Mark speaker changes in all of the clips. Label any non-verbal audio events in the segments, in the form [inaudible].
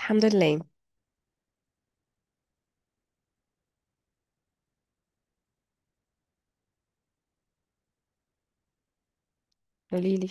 Speaker 1: الحمد لله. قوليلي.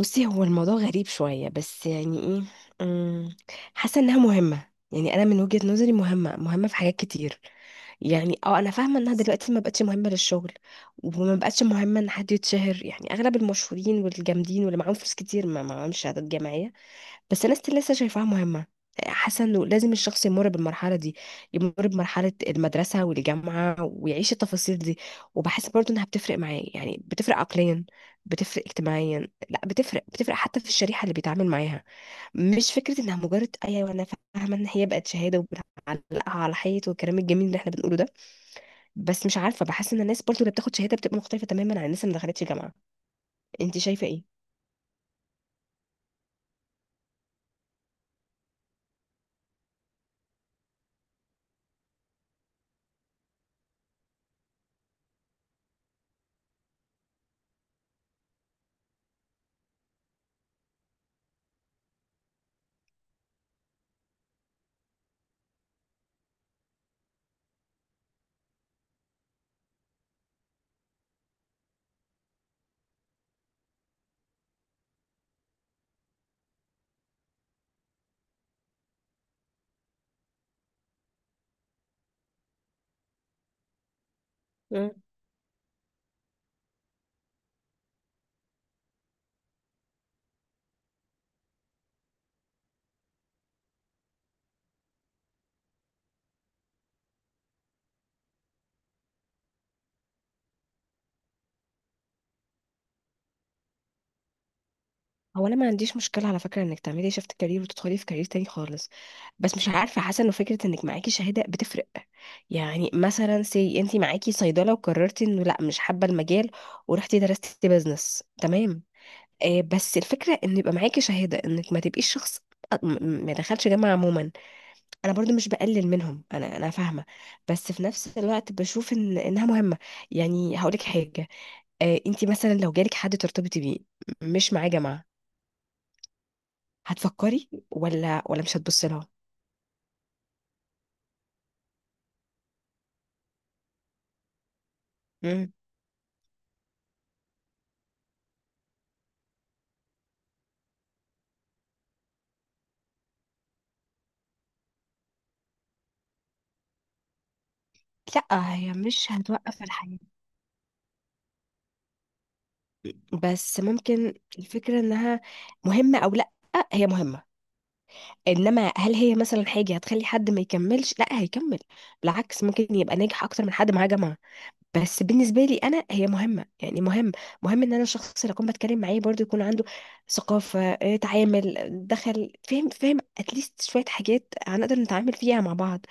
Speaker 1: بصي، هو الموضوع غريب شوية، بس يعني ايه، أمم، حاسة انها مهمة. يعني انا من وجهة نظري مهمة مهمة في حاجات كتير. يعني انا فاهمة انها دلوقتي ما بقتش مهمة للشغل، وما بقتش مهمة ان حد يتشهر. يعني اغلب المشهورين والجامدين واللي معاهم فلوس كتير ما معاهمش شهادات جامعية، بس انا ستيل لسه شايفاها مهمه. حاسه انه لازم الشخص يمر بالمرحله دي، يمر بمرحله المدرسه والجامعه ويعيش التفاصيل دي. وبحس برضو انها بتفرق معاه، يعني بتفرق عقليا، بتفرق اجتماعيا، لا بتفرق حتى في الشريحه اللي بيتعامل معاها. مش فكره انها مجرد، ايوه انا فاهمه ان هي بقت شهاده وبنعلقها على حيط والكلام الجميل اللي احنا بنقوله ده، بس مش عارفه، بحس ان الناس برضو اللي بتاخد شهاده بتبقى مختلفه تماما عن الناس اللي ما دخلتش جامعه. انت شايفه ايه؟ هو انا ما عنديش مشكله على فكره انك تعملي شيفت كارير وتدخلي في كارير تاني خالص، بس مش عارفه، حاسه انه فكره انك معاكي شهاده بتفرق. يعني مثلا سي انت معاكي صيدله وقررتي انه لا، مش حابه المجال، ورحتي درستي بزنس، تمام. آه بس الفكره ان يبقى معاكي شهاده، انك ما تبقيش شخص ما دخلش جامعه عموما. انا برضو مش بقلل منهم، انا فاهمه، بس في نفس الوقت بشوف ان انها مهمه. يعني هقولك حاجه، انت مثلا لو جالك حد ترتبطي بيه مش معاه جامعه، هتفكري ولا مش هتبصي لها؟ مم. لا، هي مش هتوقف الحياة، بس ممكن. الفكرة انها مهمة او لا، هي مهمة. انما هل هي مثلا حاجة هتخلي حد ما يكملش؟ لا، هيكمل. بالعكس، ممكن يبقى ناجح اكتر من حد معاه جامعة. بس بالنسبة لي انا هي مهمة. يعني مهم ان انا الشخص اللي اكون بتكلم معاه برضو يكون عنده ثقافة، تعامل، دخل، فاهم فاهم اتليست شوية حاجات هنقدر نتعامل فيها مع بعض.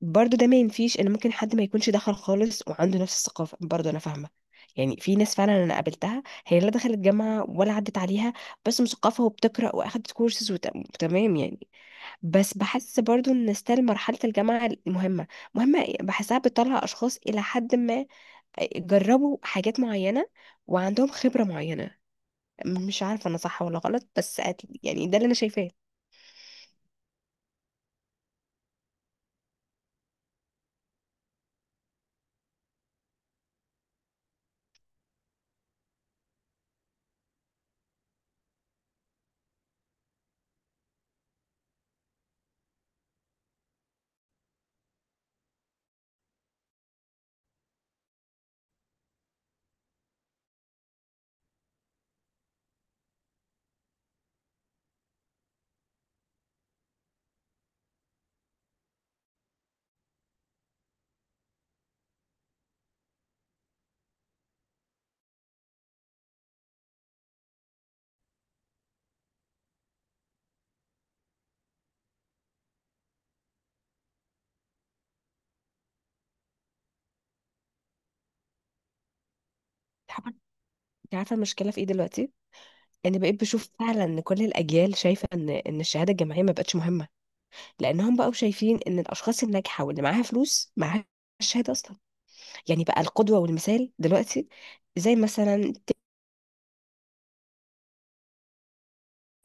Speaker 1: برضو ده ما ينفيش ان ممكن حد ما يكونش دخل خالص وعنده نفس الثقافه، برضو انا فاهمه. يعني في ناس فعلا انا قابلتها هي لا دخلت جامعه ولا عدت عليها، بس مثقفه وبتقرا واخدت كورسز وتمام، يعني. بس بحس برضو ان ستيل مرحله الجامعه مهمه. مهمه إيه؟ بحسها بتطلع اشخاص الى حد ما. جربوا حاجات معينه، وعندهم خبره معينه. مش عارفه انا صح ولا غلط، بس يعني ده اللي انا شايفاه. انت عارفه، أنت عارفة المشكله في ايه دلوقتي؟ يعني بقيت بشوف فعلا ان كل الاجيال شايفه ان الشهاده الجامعيه ما بقتش مهمه، لانهم بقوا شايفين ان الاشخاص الناجحه واللي معاها فلوس معاها الشهاده اصلا. يعني بقى القدوه والمثال دلوقتي، زي مثلا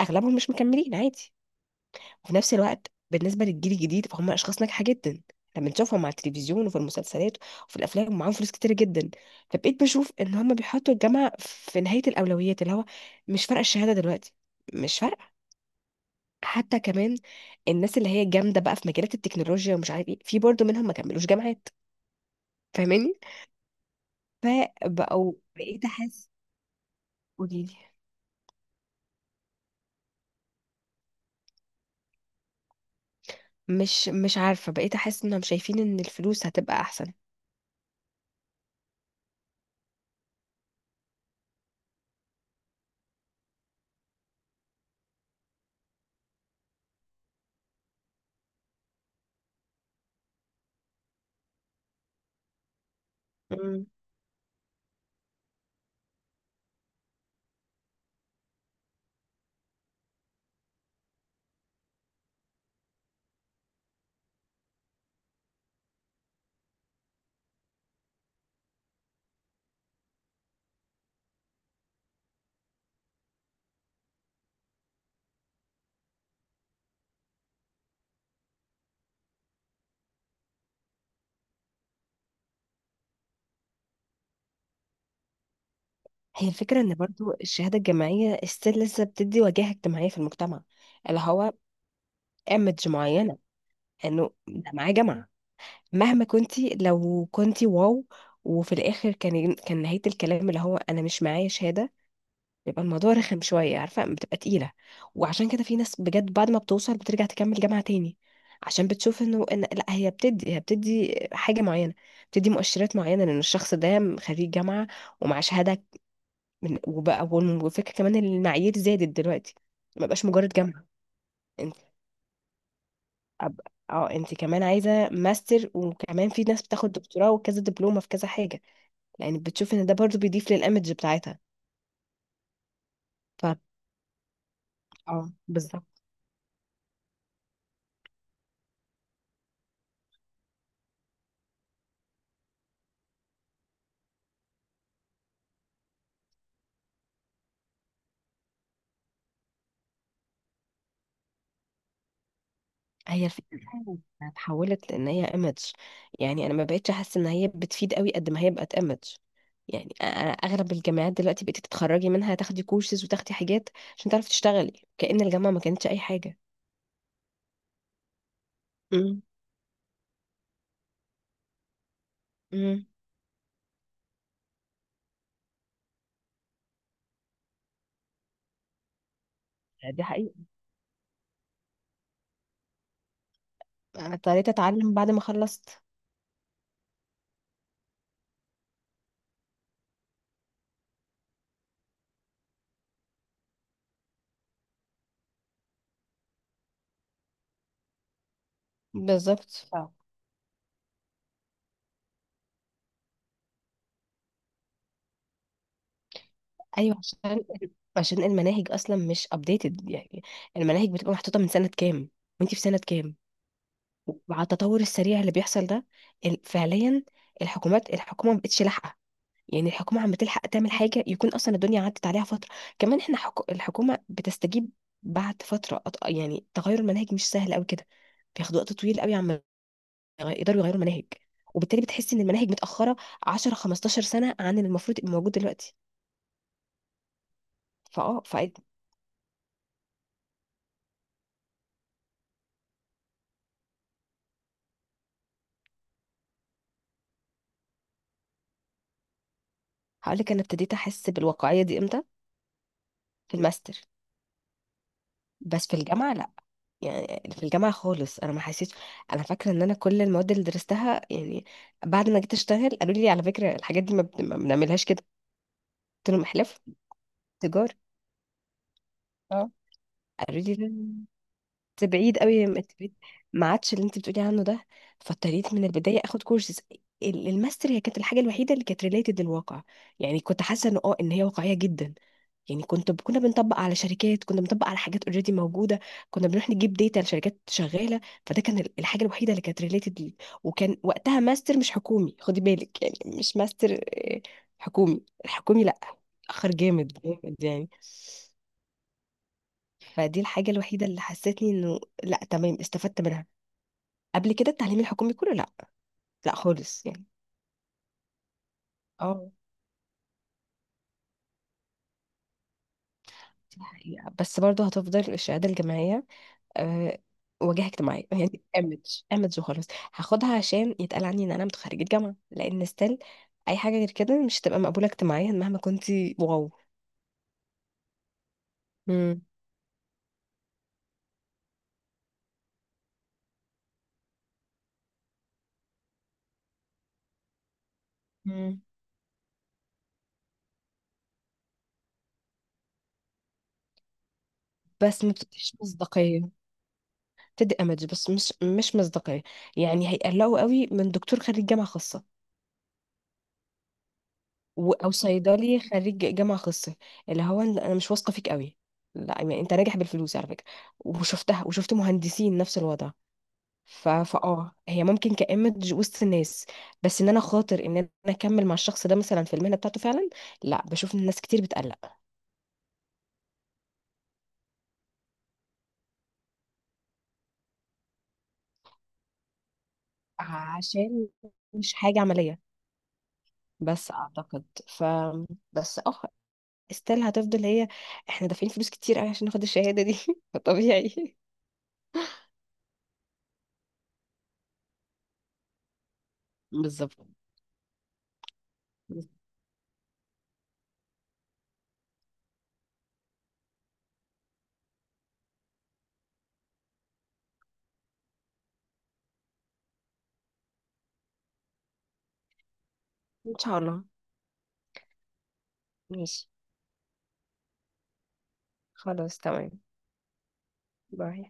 Speaker 1: اغلبهم مش مكملين، عادي. وفي نفس الوقت بالنسبه للجيل الجديد فهم اشخاص ناجحه جدا لما نشوفهم على التلفزيون وفي المسلسلات وفي الافلام ومعاهم فلوس كتير جدا. فبقيت بشوف ان هم بيحطوا الجامعه في نهايه الاولويات، اللي هو مش فارقه الشهاده دلوقتي، مش فارقه. حتى كمان الناس اللي هي جامده بقى في مجالات التكنولوجيا ومش عارف ايه، في برضه منهم ما كملوش جامعات، فاهماني؟ فبقوا، بقيت احس. قولي لي. مش عارفه، بقيت احس انهم شايفين ان الفلوس هتبقى احسن. مم. هي الفكرة ان برضو الشهادة الجامعية استيل لسه بتدي وجاهة اجتماعية في المجتمع، اللي هو ايمج معينة، انه ده معاه جامعة. مهما كنتي، لو كنتي واو، وفي الاخر كان نهاية الكلام اللي هو انا مش معايا شهادة، بيبقى الموضوع رخم شوية، عارفة، بتبقى تقيلة. وعشان كده في ناس بجد بعد ما بتوصل بترجع تكمل جامعة تاني، عشان بتشوف انه إن لا، هي بتدي حاجة معينة، بتدي مؤشرات معينة لان الشخص ده خريج جامعة ومعاه شهادة. من وبقى، والفكرة كمان إن المعايير زادت دلوقتي، ما بقاش مجرد جامعة. انت أب... اه انت كمان عايزة ماستر، وكمان في ناس بتاخد دكتوراه وكذا دبلومة في كذا حاجة، لان بتشوف ان ده برضو بيضيف للإيمج بتاعتها. ف اه، بالظبط. هي الفكرة فعلاً إنها اتحولت، لان هي ايمج. يعني انا ما بقتش احس ان هي بتفيد قوي قد ما هي بقت ايمج. يعني أنا اغلب الجامعات دلوقتي بقيتي تتخرجي منها تاخدي كورسز وتاخدي حاجات عشان تعرفي تشتغلي، كأن الجامعة ما كانتش اي حاجة. امم. امم. دي حقيقة. انا اضطريت اتعلم بعد ما خلصت. بالظبط آه. ايوه، عشان عشان المناهج اصلا مش ابديتد، يعني المناهج بتبقى محطوطة من سنة كام، وانتي في سنة كام، مع التطور السريع اللي بيحصل ده. فعليا الحكومات، الحكومه ما بقتش لاحقه. يعني الحكومه عم بتلحق تعمل حاجه، يكون اصلا الدنيا عدت عليها فتره. كمان احنا الحكومه بتستجيب بعد فتره، يعني تغير المناهج مش سهل قوي كده، بياخد وقت طويل قوي عم يقدروا يغيروا المناهج، وبالتالي بتحس ان المناهج متاخره 10 15 سنه عن اللي المفروض يبقى موجود دلوقتي. فهقول لك، انا ابتديت احس بالواقعيه دي امتى؟ في الماستر. بس في الجامعه لا. يعني في الجامعة خالص أنا ما حسيت. أنا فاكرة إن أنا كل المواد اللي درستها، يعني بعد ما جيت أشتغل قالوا لي على فكرة الحاجات دي ما بنعملها كده. قلت لهم إحلاف؟ تجارة. اه قالوا لي لا، انت بعيد قوي، ما انت بعيد، ما عادش اللي انت بتقولي عنه ده. فاضطريت من البدايه اخد كورسز. الماستر هي كانت الحاجه الوحيده اللي كانت ريليتد للواقع. يعني كنت حاسه ان اه ان هي واقعيه جدا. يعني كنا بنطبق على شركات، كنا بنطبق على حاجات اوريدي موجوده، كنا بنروح نجيب داتا لشركات شغاله. فده كان الحاجه الوحيده اللي كانت ريليتد لي. وكان وقتها ماستر مش حكومي، خدي بالك، يعني مش ماستر حكومي، الحكومي لا، اخر جامد جامد يعني. فدي الحاجه الوحيده اللي حسيتني انه لا، تمام، استفدت منها. قبل كده التعليم الحكومي كله لا، لا خالص يعني. اه، دي حقيقة. بس برضو هتفضل الشهاده الجامعيه، أه، واجهة اجتماعية [laughs] يعني ايمج. ايمج وخلاص. هاخدها عشان يتقال عني ان انا متخرجة جامعة، لان ستيل اي حاجة غير كده مش هتبقى مقبولة اجتماعيا مهما كنتي واو. مم. مم. بس ما بتديش مصداقية. بتدي ايمج بس مش مصداقية. يعني هيقلقوا قوي من دكتور خريج جامعة خاصة، او صيدلي خريج جامعة خاصة، اللي هو إن انا مش واثقة فيك قوي. لا، يعني انت ناجح بالفلوس على فكرة. وشفتها، وشفت مهندسين نفس الوضع. ف... فاه هي ممكن كإيمج وسط الناس، بس ان انا خاطر ان انا اكمل مع الشخص ده مثلا في المهنة بتاعته فعلا، لا، بشوف ان الناس كتير بتقلق، عشان مش حاجة عملية. بس اعتقد، ف بس اه استيل هتفضل هي. احنا دافعين فلوس كتير قوي عشان ناخد الشهادة دي [laughs] فطبيعي. بالظبط. ان شاء الله. ماشي. خلاص تمام. باي.